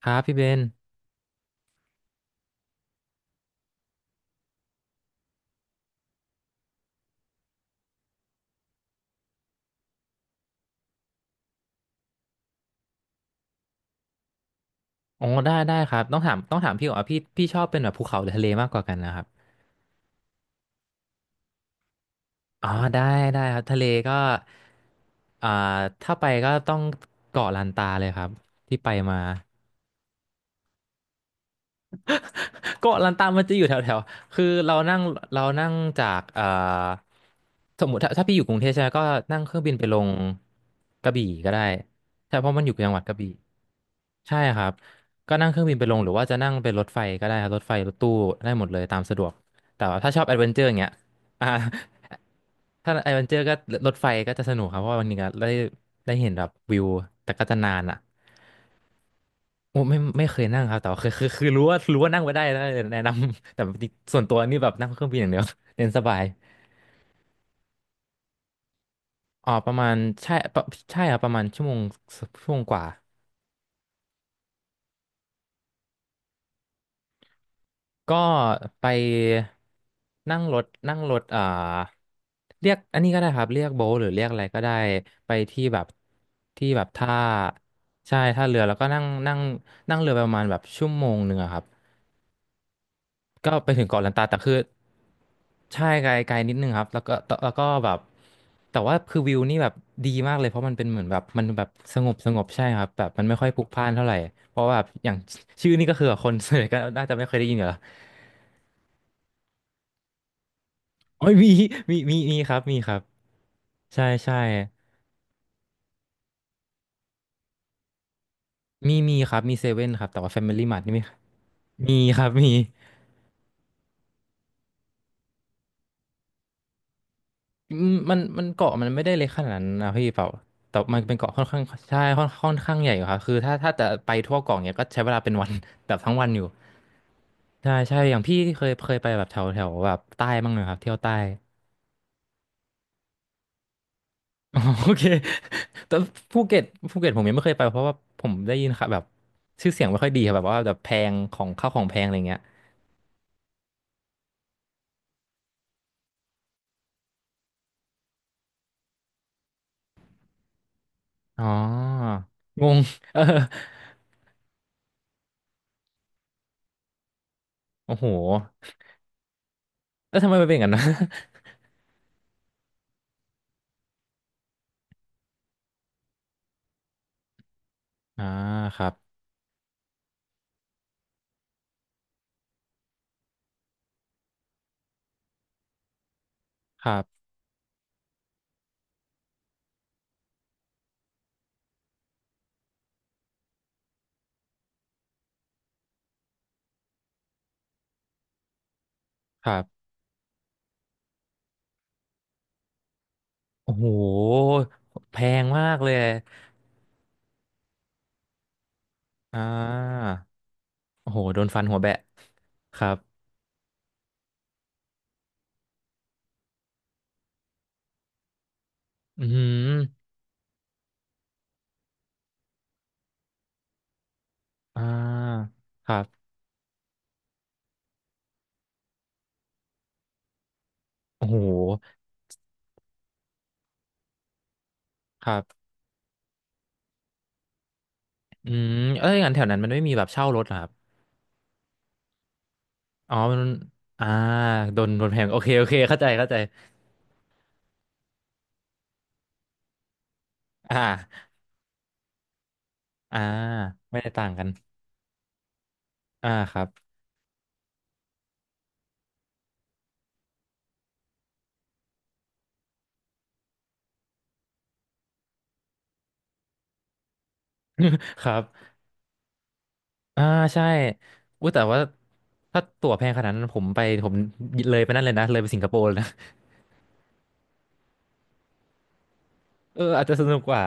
ครับพี่เบนอ๋อได้ได้ครับต้องถามพี่ก่อนว่าพี่ชอบเป็นแบบภูเขาหรือทะเลมากกว่ากันนะครับอ๋อได้ได้ครับทะเลก็อ่าถ้าไปก็ต้องเกาะลันตาเลยครับที่ไปมา เกาะลันตามันจะอยู่แถวๆ คือเรานั่งเรานั่งจากสมมติถ้าพี่อยู่กรุงเทพใช่ไหมก็นั่งเครื่องบินไปลงกระบี่ก็ได้ใช่เพราะมันอยู่จังหวัดกระบี่ใช่ครับก็นั่งเครื่องบินไปลงหรือว่าจะนั่งเป็นรถไฟก็ได้ครับรถไฟรถตู้ได้หมดเลยตามสะดวกแต่ว่าถ้าชอบแอดเวนเจอร์อย่างเงี้ย อ่าถ้าแอดเวนเจอร์ก็รถไฟก็จะสนุกครับเพราะว่าันนี้ก็ได้ได้เห็นแบบวิวแต่ก็จะนานอ่ะ โอ้ไม่เคยนั่งครับแต่ว่าคือรู้ว่านั่งไปได้นะแนะนำ แต่ส่วนตัวนี่แบบนั่งเครื่องบินอย่างเดียว เรียนสบายอ๋อประมาณใช่ปะใช่ครับประมาณชั่วโมงชั่วโมงกว่าก็ไปนั่งรถเรียกอันนี้ก็ได้ครับเรียกโบ๊ทหรือเรียกอะไรก็ได้ไปที่แบบที่แบบท่าใช่ท่าเรือแล้วก็นั่งนั่งนั่งเรือไปประมาณแบบชั่วโมงหนึ่งอะครับ ก็ไปถึงเกาะลันตาแต่คือใช่ไกลไกลนิดนึงครับแล้วก็ตแล้วก็แบบแต่ว่าคือวิวนี่แบบดีมากเลยเพราะมันเป็นเหมือนแบบมันแบบสงบสงบใช่ครับแบบมันไม่ค่อยพลุกพล่านเท่าไหร่เพราะว่าแบบอย่างชื่อนี่ก็คือคนส่วนใหญ่ก็น่าจะไม่เคยได้ยินอยู่แล้วอ๋อมีมีครับมีครับใช่ใช่มีครับมีเซเว่นครับแต่ว่าแฟมิลี่มาร์ทนี่ไม่มีครับมี อืมมันเกาะมันไม่ได้เล็กขนาดนั้นนะพี่เปล่าแต่มันเป็นเกาะค่อนข้างใช่ค่อนข้างใหญ่อยู่ครับคือถ้าจะไปทั่วเกาะเนี้ยก็ใช้เวลาเป็นวัน แบบทั้งวันอยู่ใช่ใช่อย่างพี่เคยไปแบบแถวแถวแบบใต้บ้างไหมครับเที่ยวใต้ อ๋อโอเคแต่ภูเก็ตภูเก็ตผมยังไม่เคยไปเพราะว่าผมได้ยินค่ะแบบชื่อเสียงไม่ค่อยดีครับแบบว่าแบบแพงของข้าวของแพงอะไรเงี้ยอ๋องง เออโอ้โหแล้วทำไมมันเป็นอย่างนั้นนะ อ่าครับครับครับ โอ้โหแพงมากเลยอ่าโอ้โหโดนฟันหัวแบะครับอืมอ่าครับโอ้โหครับอืมเอ้ยงั้นแถวนั้นมันไม่มีแบบเช่ารถเหรอครับอ๋อมันอ่าโดนแพงโอเคเข้าใจอ่าอ่าไม่ได้ต่างกันครับ ครับอ่าใช่อุ้ยแต่ว่าถ้าตั๋วแพงขนาดนั้นผมไปผมเลยไปนั่นเลยนะเลยไปสิงคโปร์เลยนะ เอออาจจะสนุกกว่า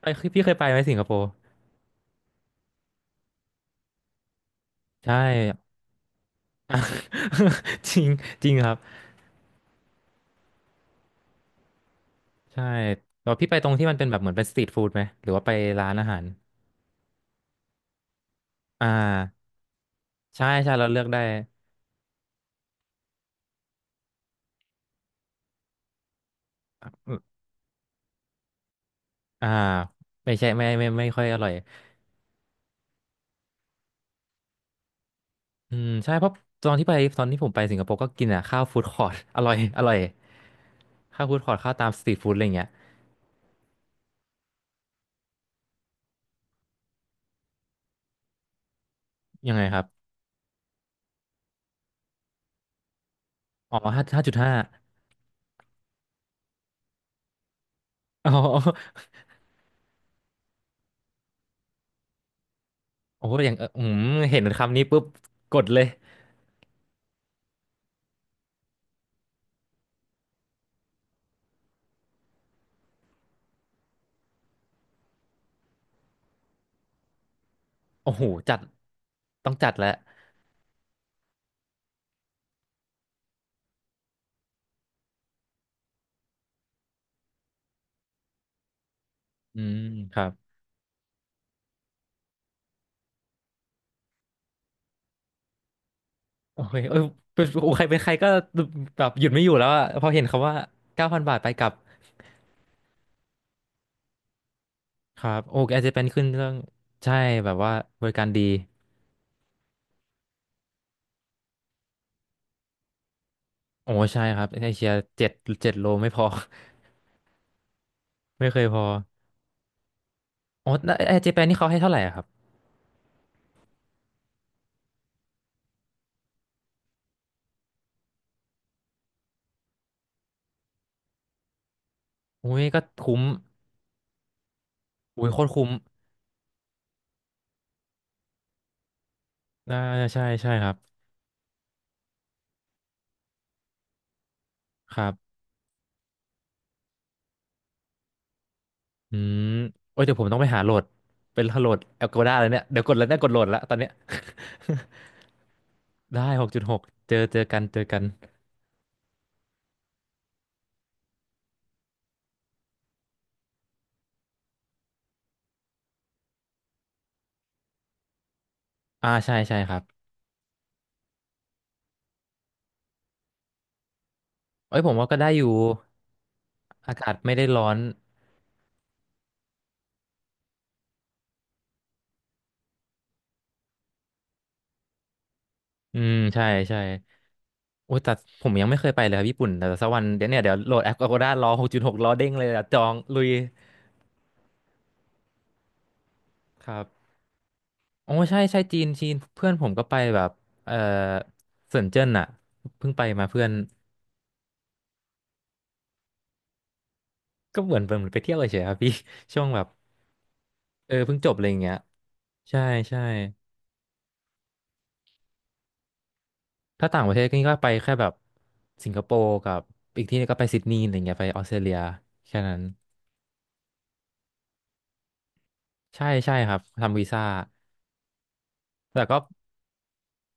ไปพี่เคยไปไหมสิงคโปร์ใช่ อ่ะ จริงจริงครับใช่แต่ว่าพี่ไปตรงที่มันเป็นแบบเหมือนเป็นสตรีทฟู้ดไหมหรือว่าไปร้านอาหารอ่าใช่ใช่เราเลือกได้อืมอ่าไม่ใช่ไม่ไม่ค่อยอร่อยอืมใช่เพราะตอนที่ไปตอนที่ผมไปสิงคโปร์ก็กินอ่ะข้าวฟู้ดคอร์ต อร่อยอร่อยข้าวฟู้ดคอร์ตข้าวตามสตรีทฟู้ดอะไรอย่างเงี้ยยังไงครับอ๋อห้าห้าจุดห้า อ๋อโอ้โหอย่างเอออืมเห็นคำนี้ปุ๊บกดเลย โอ้โหจัดต้องจัดแล้วอืมครับโอเคเออเป็นโอ้ใครเป็นใครก็แบบหยุดไม่อยู่แล้วอะพอเห็นคำว่าเก้าพันบาทไปกลับครับโอ้แอร์เจแปนขึ้นเรื่องใช่แบบว่าบริการดีโอ้ใช่ครับในเอเชียเจ็ดเจ็ดโลไม่พอ ไม่เคยพออ๋อแล้วแอร์เจแปนนี่เขาให้เท่าไหร่อะครับอุ้ยก็คุ้มอุ้ยโคตรคุ้มอ่าใช่ใช่ครับครับอืมโอ้ยเดี๋ยวผมต้องไปหาโหลดเป็นโหลด Agoda เลยเนี่ยเดี๋ยวกดแล้วเนี่ยกดโหลดแล้วตอนเนี้ย ได้หกจุดหกเจอเจอกันเจอกันใช่ใช่ครับเอ้ยผมว่าก็ได้อยู่อากาศไม่ได้ร้อนอืมใช่ใช่โอ้ยแต่ผมยังไม่เคยไปเลยครับญี่ปุ่นแต่สักวันเดี๋ยวเนี่ยเดี๋ยวโหลดแอป Agoda รอหกจุดหกรอเด้งเลยอะจองลุยครับโอ้ใช่ใช่จีนจีนเพื่อนผมก็ไปแบบเออเซินเจิ้นอะเพิ่งไปมาเพื่อนก็เหมือนไปเที่ยวเฉยๆครับพี่ ช่วงแบบเออเพิ่งจบอะไรอย่างเงี้ยใช่ใช่ ถ้าต่างประเทศก็นี่ก็ไปแค่แบบสิงคโปร์กับอีกที่นึงก็ไปซิดนีย์อะไรเงี้ยไปออสเตรเลียแค่นั้นใช่ใช่ครับทำวีซ่าแต่ก็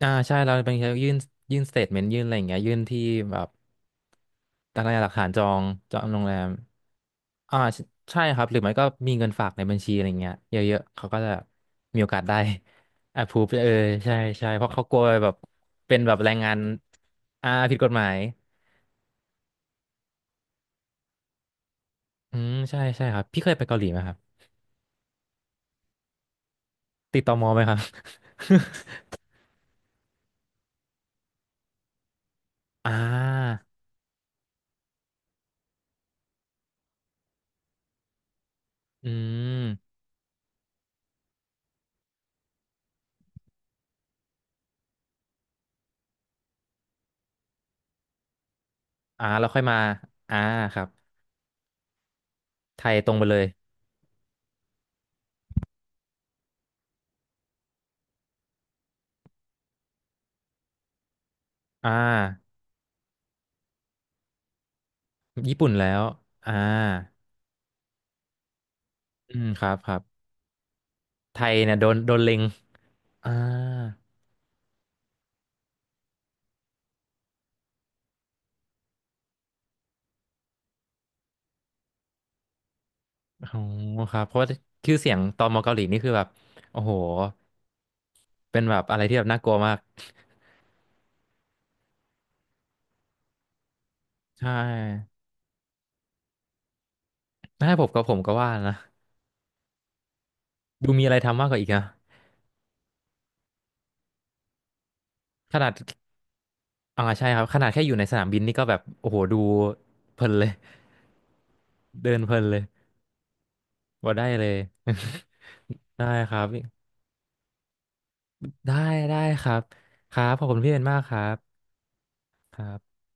ใช่เราเป็นยื่นยื่นสเตทเมนต์ยื่นอะไรอย่างเงี้ยยื่นที่แบบอะารางหลักฐานจองจองโรงแรมใช่ใช่ครับหรือไม่ก็มีเงินฝากในบัญชีอะไรเงี้ยเยอะๆเขาก็จะมีโอกาสได้ approve เออใช่ใช่เพราะเขากลัวแบบเป็นแบบแรงงานผิดกฎหมายอืมใช่ใช่ครับพี่เคยไปเกาหลีไหมครับ ติดต่อมอไหมครับ อ่าอืมแล้วค่อยมาอ่าครับไทยตรงไปเลยอ่าญี่ปุ่นแล้วอ่าอืมครับครับไทยเนี่ยโดนเล็งอ่าโอ้โหครับเพราะว่าชื่อเสียงตอมอเกาหลีนี่คือแบบโอ้โหเป็นแบบอะไรที่แบบน่ากลัวมากใช่ถ้าให้ผมก็ผมก็ว่านะดูมีอะไรทำมากกว่าอีกนะขนาด ใช่ครับขนาดแค่อยู่ในสนามบินนี่ก็แบบโอ้โหดูเพลินเลย เดินเพลินเลยว่าได้เลย ได้ครับได้ได้ครับครับขอบคุณพี่เป็นมากครับครับ